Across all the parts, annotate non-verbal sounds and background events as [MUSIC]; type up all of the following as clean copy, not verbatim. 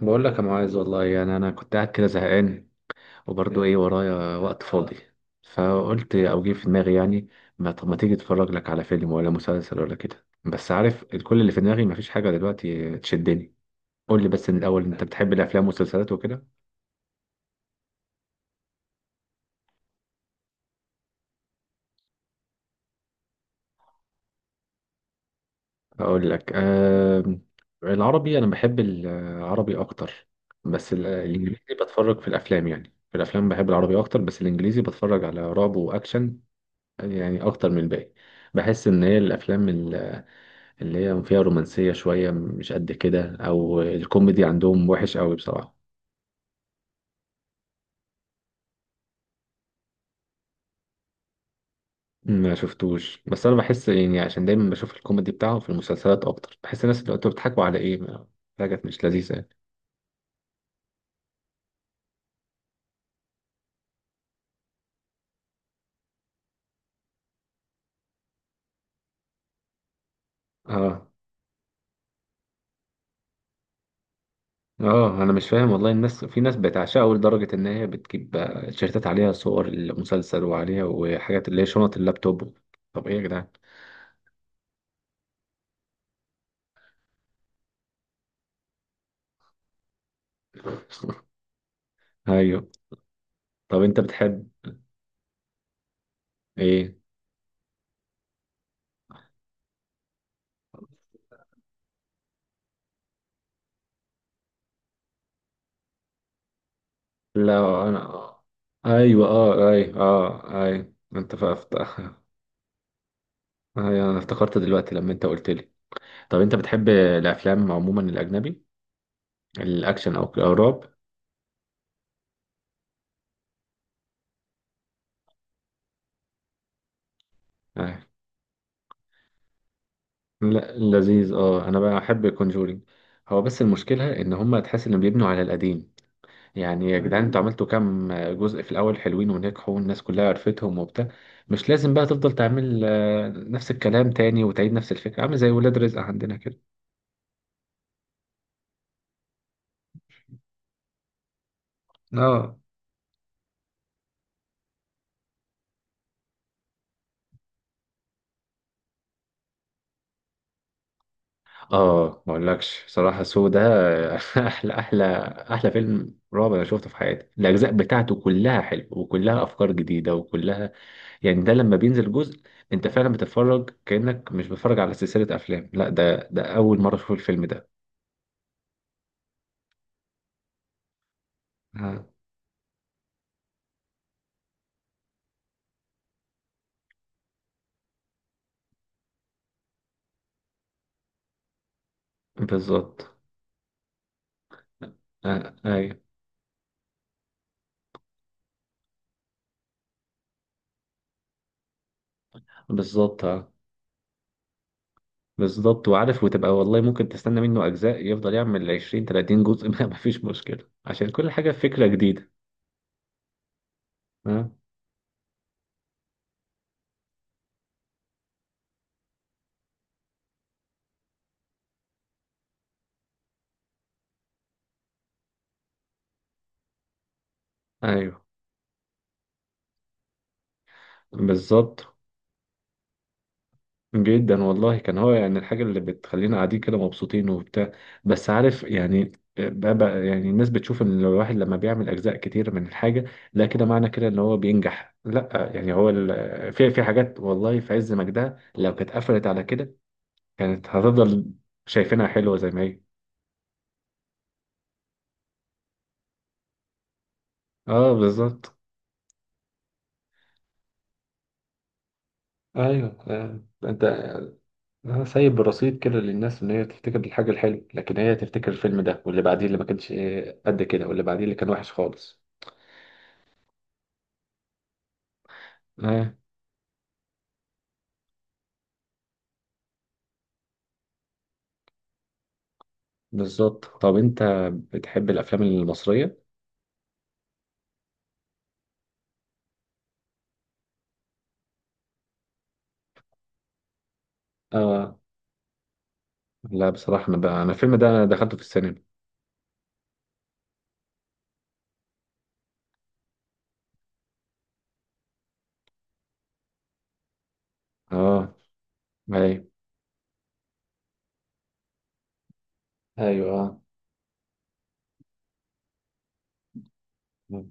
بقول لك يا معاذ، والله يعني انا كنت قاعد كده زهقان وبرضه، ايه ورايا وقت فاضي. فقلت او جه في دماغي يعني، ما طب، ما تيجي اتفرج لك على فيلم ولا مسلسل ولا كده. بس عارف، كل اللي في دماغي مفيش حاجه دلوقتي تشدني. قول لي بس من الاول، انت بتحب الافلام والمسلسلات وكده. اقول لك آه، العربي، انا بحب العربي اكتر. بس الانجليزي بتفرج في الافلام يعني. في الافلام بحب العربي اكتر، بس الانجليزي بتفرج على رعب واكشن يعني، اكتر من الباقي. بحس ان هي الافلام اللي هي فيها رومانسية شوية مش قد كده، أو الكوميدي عندهم وحش قوي بصراحة. ما شفتوش، بس أنا بحس يعني عشان دايما بشوف الكوميدي بتاعهم في المسلسلات أكتر، بحس الناس اللي انتوا بتضحكوا على إيه حاجة مش لذيذة يعني. آه، آه، أنا مش فاهم والله. الناس في ناس بتعشقه لدرجة إن هي بتجيب تيشيرتات عليها صور المسلسل وعليها وحاجات اللي هي شنط اللابتوب. طب إيه يا جدعان؟ [LAUGHS] أيوه. طب أنت بتحب إيه؟ لا انا. ايوه، اه، ايوه، اه، ايوه، انت فقفت. [LAUGHS] ايوه، انا افتكرت دلوقتي لما انت قلت لي، طب انت بتحب الافلام عموما، الاجنبي، الاكشن او الرعب؟ ايوه. لا لذيذ، اه، انا بقى احب كونجورينج. هو بس المشكله ان هم، تحس انهم بيبنوا على القديم، يعني يا جدعان انتوا عملتوا كام جزء في الاول؟ حلوين ونجحوا والناس كلها عرفتهم وبتاع. مش لازم بقى تفضل تعمل نفس الكلام تاني وتعيد نفس الفكره، عامل زي ولاد رزق عندنا كده. اه، اه، ما اقولكش صراحه سو ده. [LAUGHS] احلى احلى احلى فيلم رعب انا شفته في حياتي. الاجزاء بتاعته كلها حلو وكلها افكار جديده وكلها، يعني ده لما بينزل جزء، انت فعلا بتتفرج كانك مش بتتفرج على سلسله افلام، لا ده اول مره اشوف الفيلم ده. آه. بالظبط. آه. ايوه، بالظبط. آه. بالظبط. وعارف، وتبقى والله ممكن تستنى منه اجزاء يفضل يعمل 20 30 جزء [LAUGHS] ما فيش مشكله عشان كل حاجه فكره جديده. آه. ايوه، بالظبط. جدا والله، كان هو يعني الحاجة اللي بتخلينا قاعدين كده مبسوطين وبتاع. بس عارف يعني، بقى يعني الناس بتشوف ان الواحد لما بيعمل اجزاء كتير من الحاجة، لا، كده معنى كده ان هو بينجح. لا، يعني هو في في حاجات والله في عز مجدها لو كانت قفلت على كده، كانت هتفضل شايفينها حلوة زي ما هي. اه، بالظبط. ايوه. انت. أنا سايب رصيد كده للناس ان هي تفتكر الحاجه الحلوه، لكن هي تفتكر الفيلم ده واللي بعديه اللي ما كانش قد كده واللي بعديه اللي كان وحش خالص. بالظبط. طب انت بتحب الافلام المصريه؟ اه. لا بصراحه، بقى انا الفيلم ده دخلته في السينما. اه. ايوه. ايوه. آه.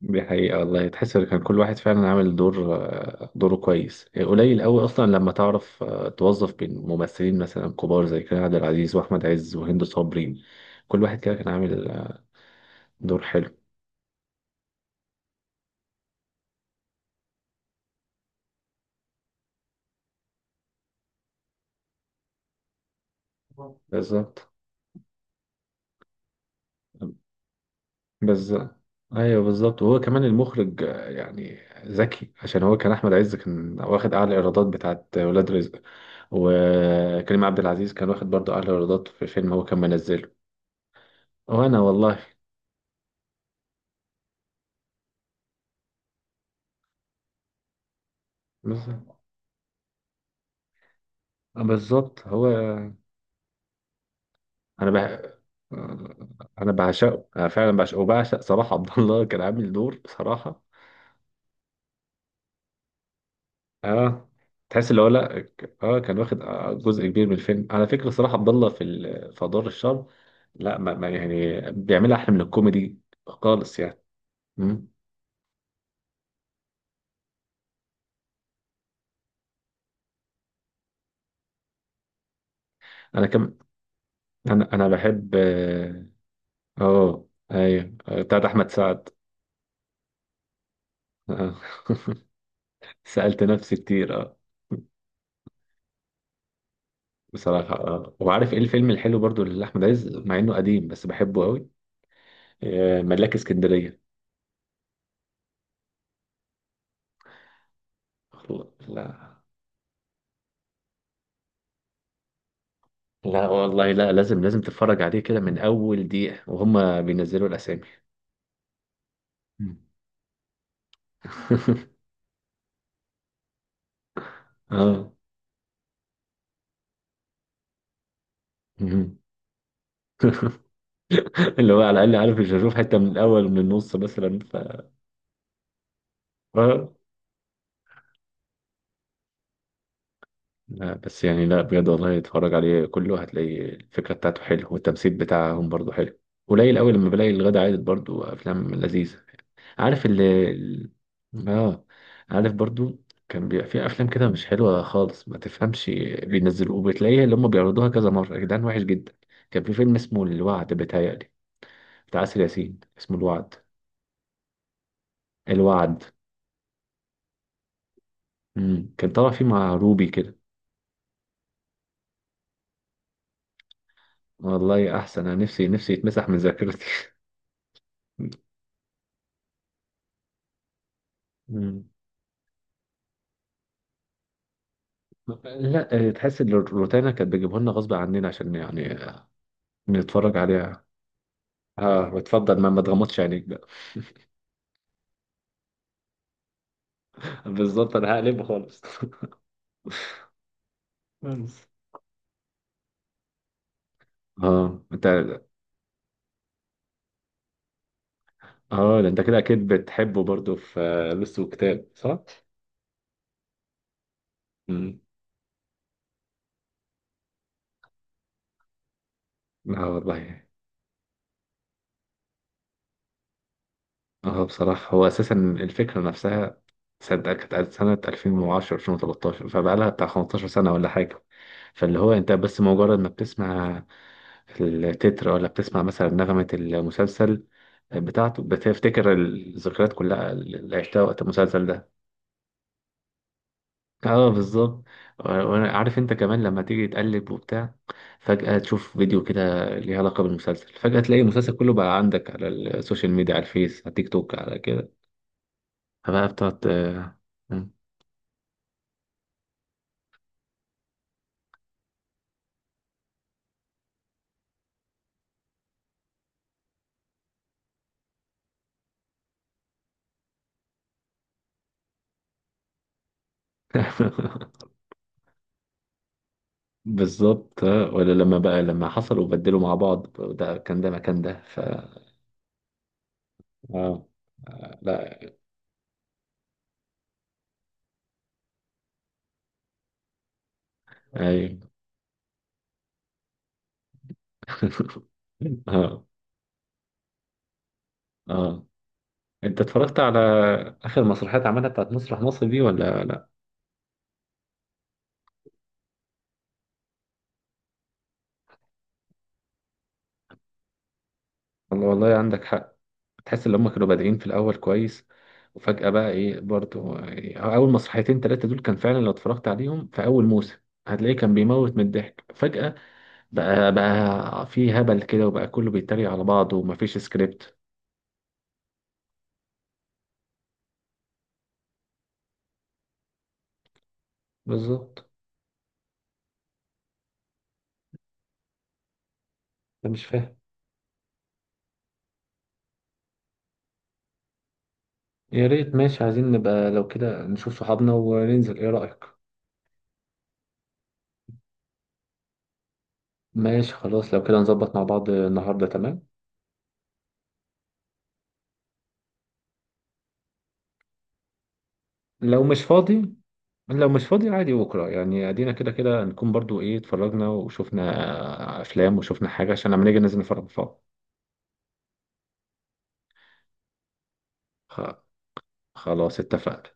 دي حقيقه والله، تحس ان كان كل واحد فعلا عامل دور، دوره كويس. قليل قوي اصلا لما تعرف توظف بين ممثلين مثلا كبار زي كريم عبد العزيز واحمد عز وهند صبري. كل واحد كده كان عامل دور حلو. بالظبط. بس ايوه، بالظبط. وهو كمان المخرج يعني ذكي. عشان هو كان احمد عز كان واخد اعلى ايرادات بتاعت ولاد رزق، وكريم عبد العزيز كان واخد برضه اعلى ايرادات في فيلم هو كان منزله. وانا والله. بس- بالظبط، هو. انا بح... انا بعشقه، انا فعلا بعشقه وبعشق صلاح عبد الله، كان عامل دور بصراحه. اه، تحس اللي هو، لا، كان واخد جزء كبير من الفيلم على فكره. صراحه عبد الله في في ادوار الشر، لا، ما ما يعني بيعملها احلى من الكوميدي خالص يعني. مم. انا كم انا بحب، اه. آه، ايوه، بتاعت احمد سعد. آه. [LAUGHS] سالت نفسي كتير، اه. بصراحه اه، وعارف ايه الفيلم الحلو برضو لاحمد عز مع انه قديم بس بحبه قوي؟ ملاك اسكندريه. لا، لا والله، لا، لازم لازم تتفرج عليه كده من اول دقيقة وهم بينزلوا الاسامي. مم. [LAUGHS] اه. مم. اللي هو على الاقل عارف مش هشوف حتة من الاول ومن النص مثلا ف... آه. لا بس يعني، لا بجد والله اتفرج عليه كله هتلاقي الفكرة بتاعته حلوة والتمثيل بتاعهم برضه حلو. قليل قوي لما بلاقي الغدا عادل برضه افلام لذيذة. عارف اه عارف برضو، كان بيبقى في افلام كده مش حلوه خالص ما تفهمش، بينزلوه وبتلاقيها اللي هم بيعرضوها كذا مره يا جدعان، وحش جدا. كان في فيلم اسمه الوعد بيتهيألي، بتاع آسر ياسين اسمه الوعد. الوعد. كان طالع فيه مع روبي كده. والله احسن، انا نفسي نفسي يتمسح من ذاكرتي. [LAUGHS] مم. لا، تحس ان الروتانا كانت بتجيبه لنا غصب عننا عشان يعني نتفرج عليها. اه، وتفضل ما ما تغمضش عينيك بقى. [LAUGHS] بالظبط، انا هقلبه خالص. منز اه، انت. اه، ده انت كده اكيد بتحبه برضو في لص وكتاب، صح؟ امم اه والله. اه بصراحة، هو اساسا الفكرة نفسها، صدق كانت سنة 2010 2013، فبقالها بتاع 15 سنة ولا حاجة. فاللي هو انت بس مجرد ما بتسمع التتر ولا بتسمع مثلا نغمة المسلسل بتاعته، بتفتكر الذكريات كلها اللي عشتها وقت المسلسل ده. اه، بالظبط. وانا عارف انت كمان لما تيجي تقلب وبتاع، فجأة تشوف فيديو كده ليه علاقة بالمسلسل، فجأة تلاقي المسلسل كله بقى عندك على السوشيال ميديا، على الفيس، على تيك توك، على كده. فبقى بتقعد، مم. [LAUGHS] بالظبط. آه. ولا لما بقى لما حصلوا وبدلوا مع بعض، ده كان ده مكان ده ف... اه. لا. ايوه. [LAUGHS] اه، اه، انت اتفرجت على اخر مسرحيات عملها بتاعت مسرح مصر دي ولا لا؟ والله والله عندك حق، تحس ان هم كانوا بادئين في الاول كويس وفجأة بقى ايه برضو يعني، اول مسرحيتين ثلاثة دول كان فعلا لو اتفرجت عليهم في اول موسم هتلاقيه كان بيموت من الضحك. فجأة بقى في هبل كده، وبقى كله بيتريق على بعضه ومفيش سكريبت. بالظبط. انا مش فاهم. يا ريت ماشي، عايزين نبقى لو كده نشوف صحابنا وننزل، ايه رأيك؟ ماشي خلاص، لو كده نظبط مع بعض النهاردة؟ تمام. لو مش فاضي، لو مش فاضي عادي بكرة يعني، ادينا كده كده نكون برضو ايه، اتفرجنا وشفنا افلام وشفنا حاجة عشان لما نيجي ننزل نفرج مع بعض. خ- خلاص، اتفقنا.